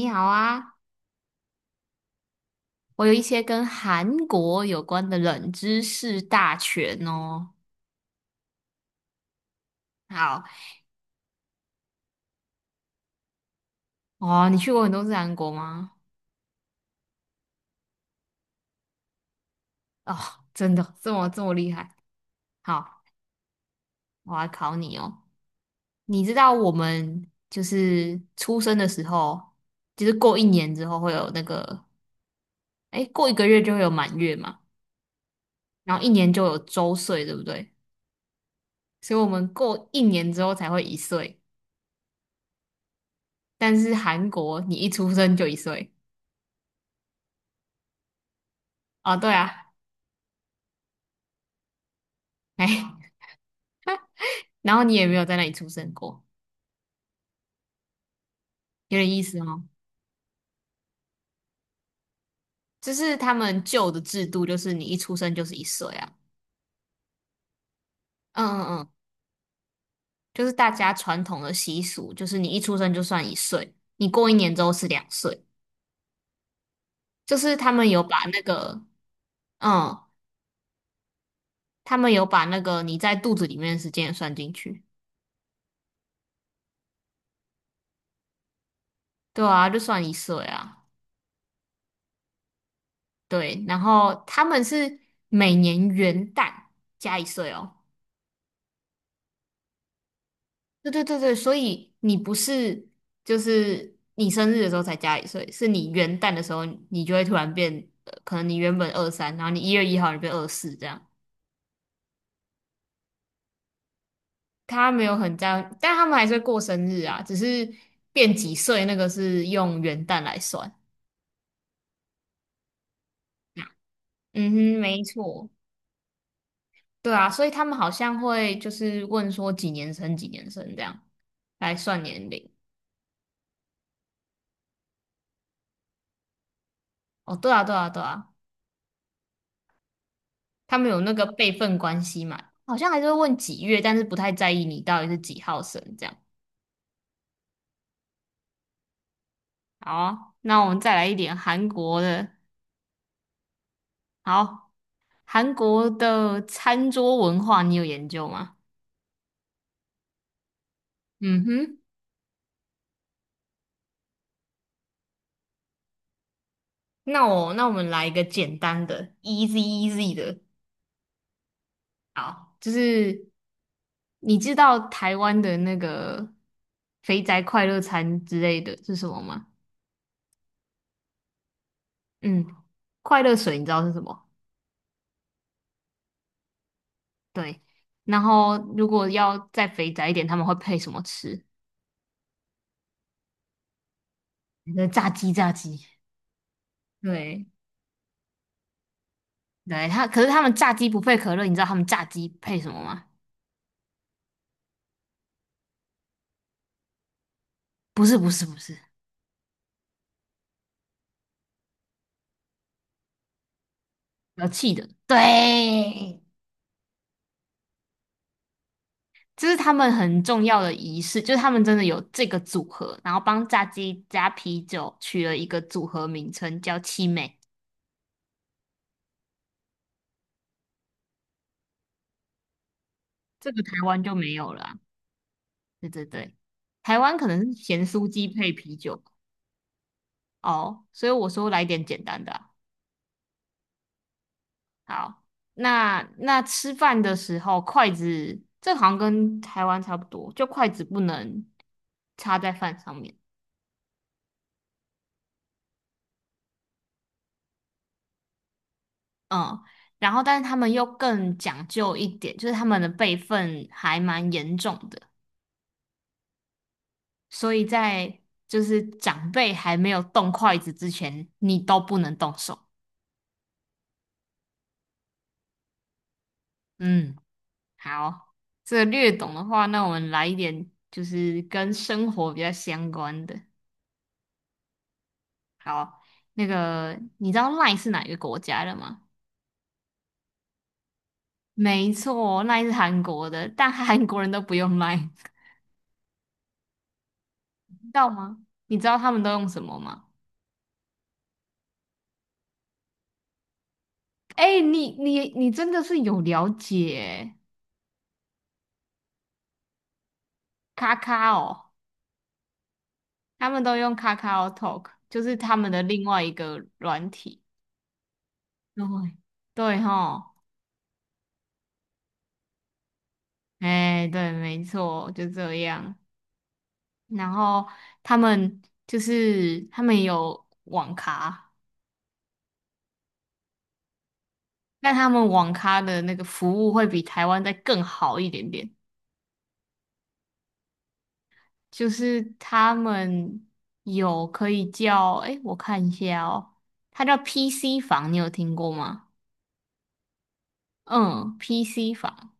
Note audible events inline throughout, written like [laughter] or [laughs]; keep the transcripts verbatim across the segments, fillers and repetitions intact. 你好啊，我有一些跟韩国有关的冷知识大全哦。好哦，你去过很多次韩国吗？哦，真的这么这么厉害？好，我来考你哦。你知道我们就是出生的时候，就是过一年之后会有那个，哎，过一个月就会有满月嘛，然后一年就有周岁，对不对？所以我们过一年之后才会一岁，但是韩国你一出生就一岁。哦，对啊，哎。然后你也没有在那里出生过，有点意思哦。就是他们旧的制度，就是你一出生就是一岁啊。嗯嗯嗯，就是大家传统的习俗，就是你一出生就算一岁，你过一年之后是两岁。就是他们有把那个，嗯，他们有把那个你在肚子里面的时间也算进去。对啊，就算一岁啊。对，然后他们是每年元旦加一岁哦。对对对对，所以你不是就是你生日的时候才加一岁，是你元旦的时候你就会突然变，呃可能你原本二三，然后你一月一号你变二四这样。他没有很这样，但他们还是会过生日啊，只是变几岁那个是用元旦来算。嗯哼，没错，对啊，所以他们好像会就是问说几年生几年生这样来算年龄。哦，对啊，对啊，对啊。他们有那个辈分关系嘛，好像还是会问几月，但是不太在意你到底是几号生这样。好啊那我们再来一点韩国的。好，韩国的餐桌文化你有研究吗？嗯哼，那我那我们来一个简单的，easy easy 的。好，就是你知道台湾的那个肥宅快乐餐之类的是什么吗？嗯，快乐水你知道是什么？对，然后如果要再肥宅一点，他们会配什么吃？那炸鸡，炸鸡。对，对，他可是他们炸鸡不配可乐，你知道他们炸鸡配什么吗？不是，不是，不是，有气的。对，这是他们很重要的仪式，就是他们真的有这个组合，然后帮炸鸡加啤酒取了一个组合名称叫七妹"。这个台湾就没有了啊对对对，台湾可能是咸酥鸡配啤酒吧哦，所以我说来点简单的啊好，那那吃饭的时候，筷子这好像跟台湾差不多，就筷子不能插在饭上面。嗯，然后但是他们又更讲究一点，就是他们的辈分还蛮严重的，所以在就是长辈还没有动筷子之前，你都不能动手。嗯，好，这个略懂的话，那我们来一点就是跟生活比较相关的。好，那个你知道 line 是哪一个国家的吗？没错，l i n e 是韩国的，但韩 [laughs] 国人都不用 line，[laughs] 知道吗？你知道他们都用什么吗？哎、你你你真的是有了解，卡卡哦，他们都用卡卡哦 Talk，就是他们的另外一个软体。对对哈，哎、对，没错，就这样。然后他们就是他们有网咖。但他们网咖的那个服务会比台湾再更好一点点，就是他们有可以叫，诶，我看一下哦，它叫 P C 房，你有听过吗？嗯，P C 房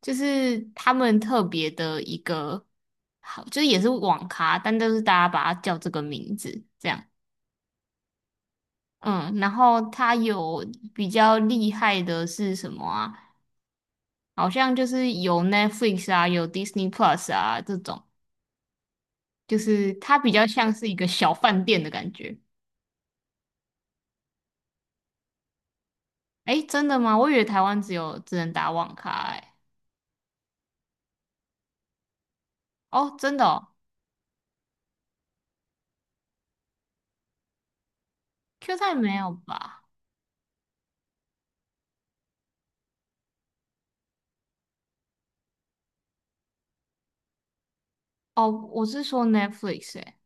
就是他们特别的一个，好，就是也是网咖，但都是大家把它叫这个名字这样。嗯，然后它有比较厉害的是什么啊？好像就是有 Netflix 啊，有 Disney Plus 啊这种。就是它比较像是一个小饭店的感觉。哎，真的吗？我以为台湾只有只能打网咖哎。哦，真的哦，Q 站没有吧？哦，我是说 Netflix 哎，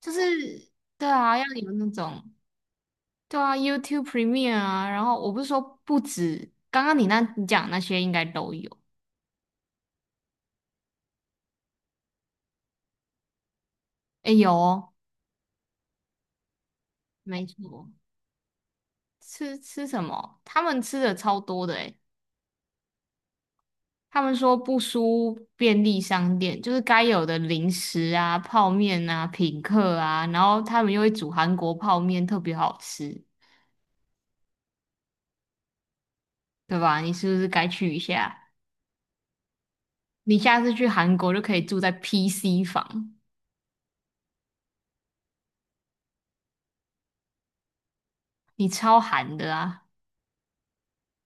就是对啊，要有那种对啊，YouTube Premium 啊，然后我不是说不止，刚刚你那你讲那些应该都有。哎，有哦，没错。吃吃什么？他们吃的超多的诶他们说不输便利商店，就是该有的零食啊、泡面啊、品客啊，然后他们又会煮韩国泡面，特别好吃，对吧？你是不是该去一下？你下次去韩国就可以住在 P C 房，你超韩的啊！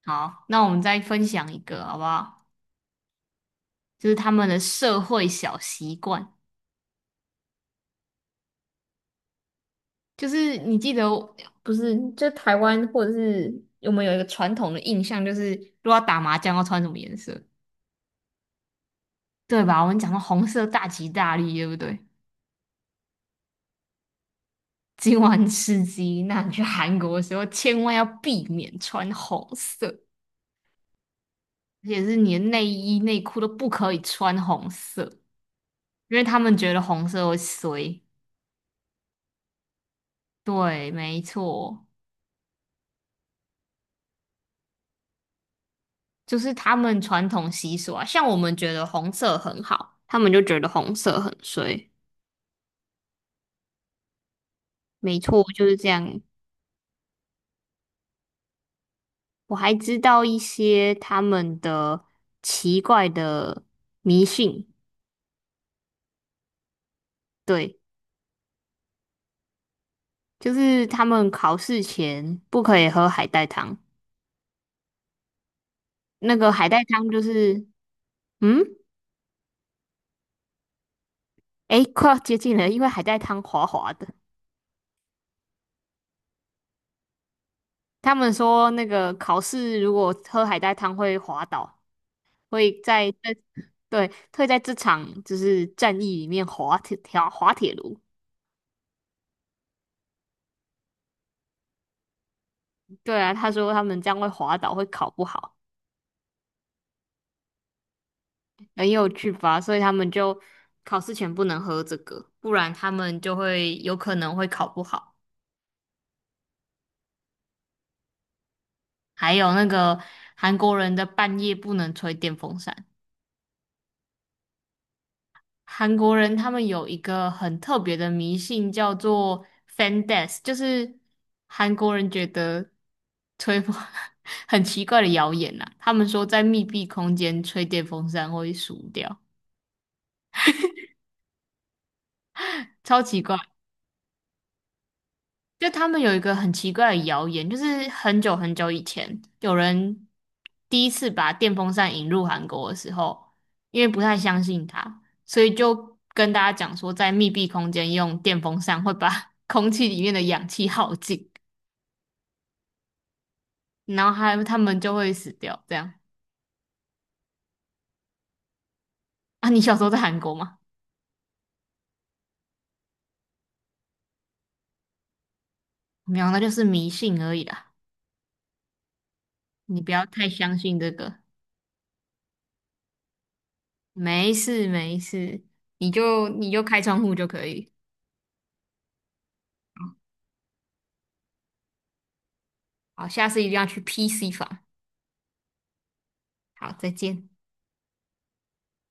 好，那我们再分享一个好不好？就是他们的社会小习惯，就是你记得不是？就台湾或者是我们有一个传统的印象，就是如果要打麻将要穿什么颜色？对吧？我们讲到红色大吉大利，对不对？今晚吃鸡，那你去韩国的时候千万要避免穿红色，而且是你的内衣内裤都不可以穿红色，因为他们觉得红色会衰。对，没错，就是他们传统习俗啊。像我们觉得红色很好，他们就觉得红色很衰。没错，就是这样。我还知道一些他们的奇怪的迷信，对。就是他们考试前不可以喝海带汤，那个海带汤就是，嗯，诶，快要接近了，因为海带汤滑滑的。他们说那个考试如果喝海带汤会滑倒，会在这，对，会在这场就是战役里面滑铁条滑铁卢。对啊，他说他们这样会滑倒，会考不好，很有趣吧？所以他们就考试前不能喝这个，不然他们就会有可能会考不好。还有那个韩国人的半夜不能吹电风扇。韩国人他们有一个很特别的迷信，叫做 "fan death"，就是韩国人觉得吹风 [laughs] 很奇怪的谣言呐、他们说在密闭空间吹电风扇会死掉，超奇怪。就他们有一个很奇怪的谣言，就是很久很久以前，有人第一次把电风扇引入韩国的时候，因为不太相信它，所以就跟大家讲说，在密闭空间用电风扇会把 [laughs] 空气里面的氧气耗尽，然后还他们就会死掉。这样啊？你小时候在韩国吗？没有，那就是迷信而已啦。你不要太相信这个，没事没事，你就你就开窗户就可以。好，下次一定要去 P C 房。好，再见。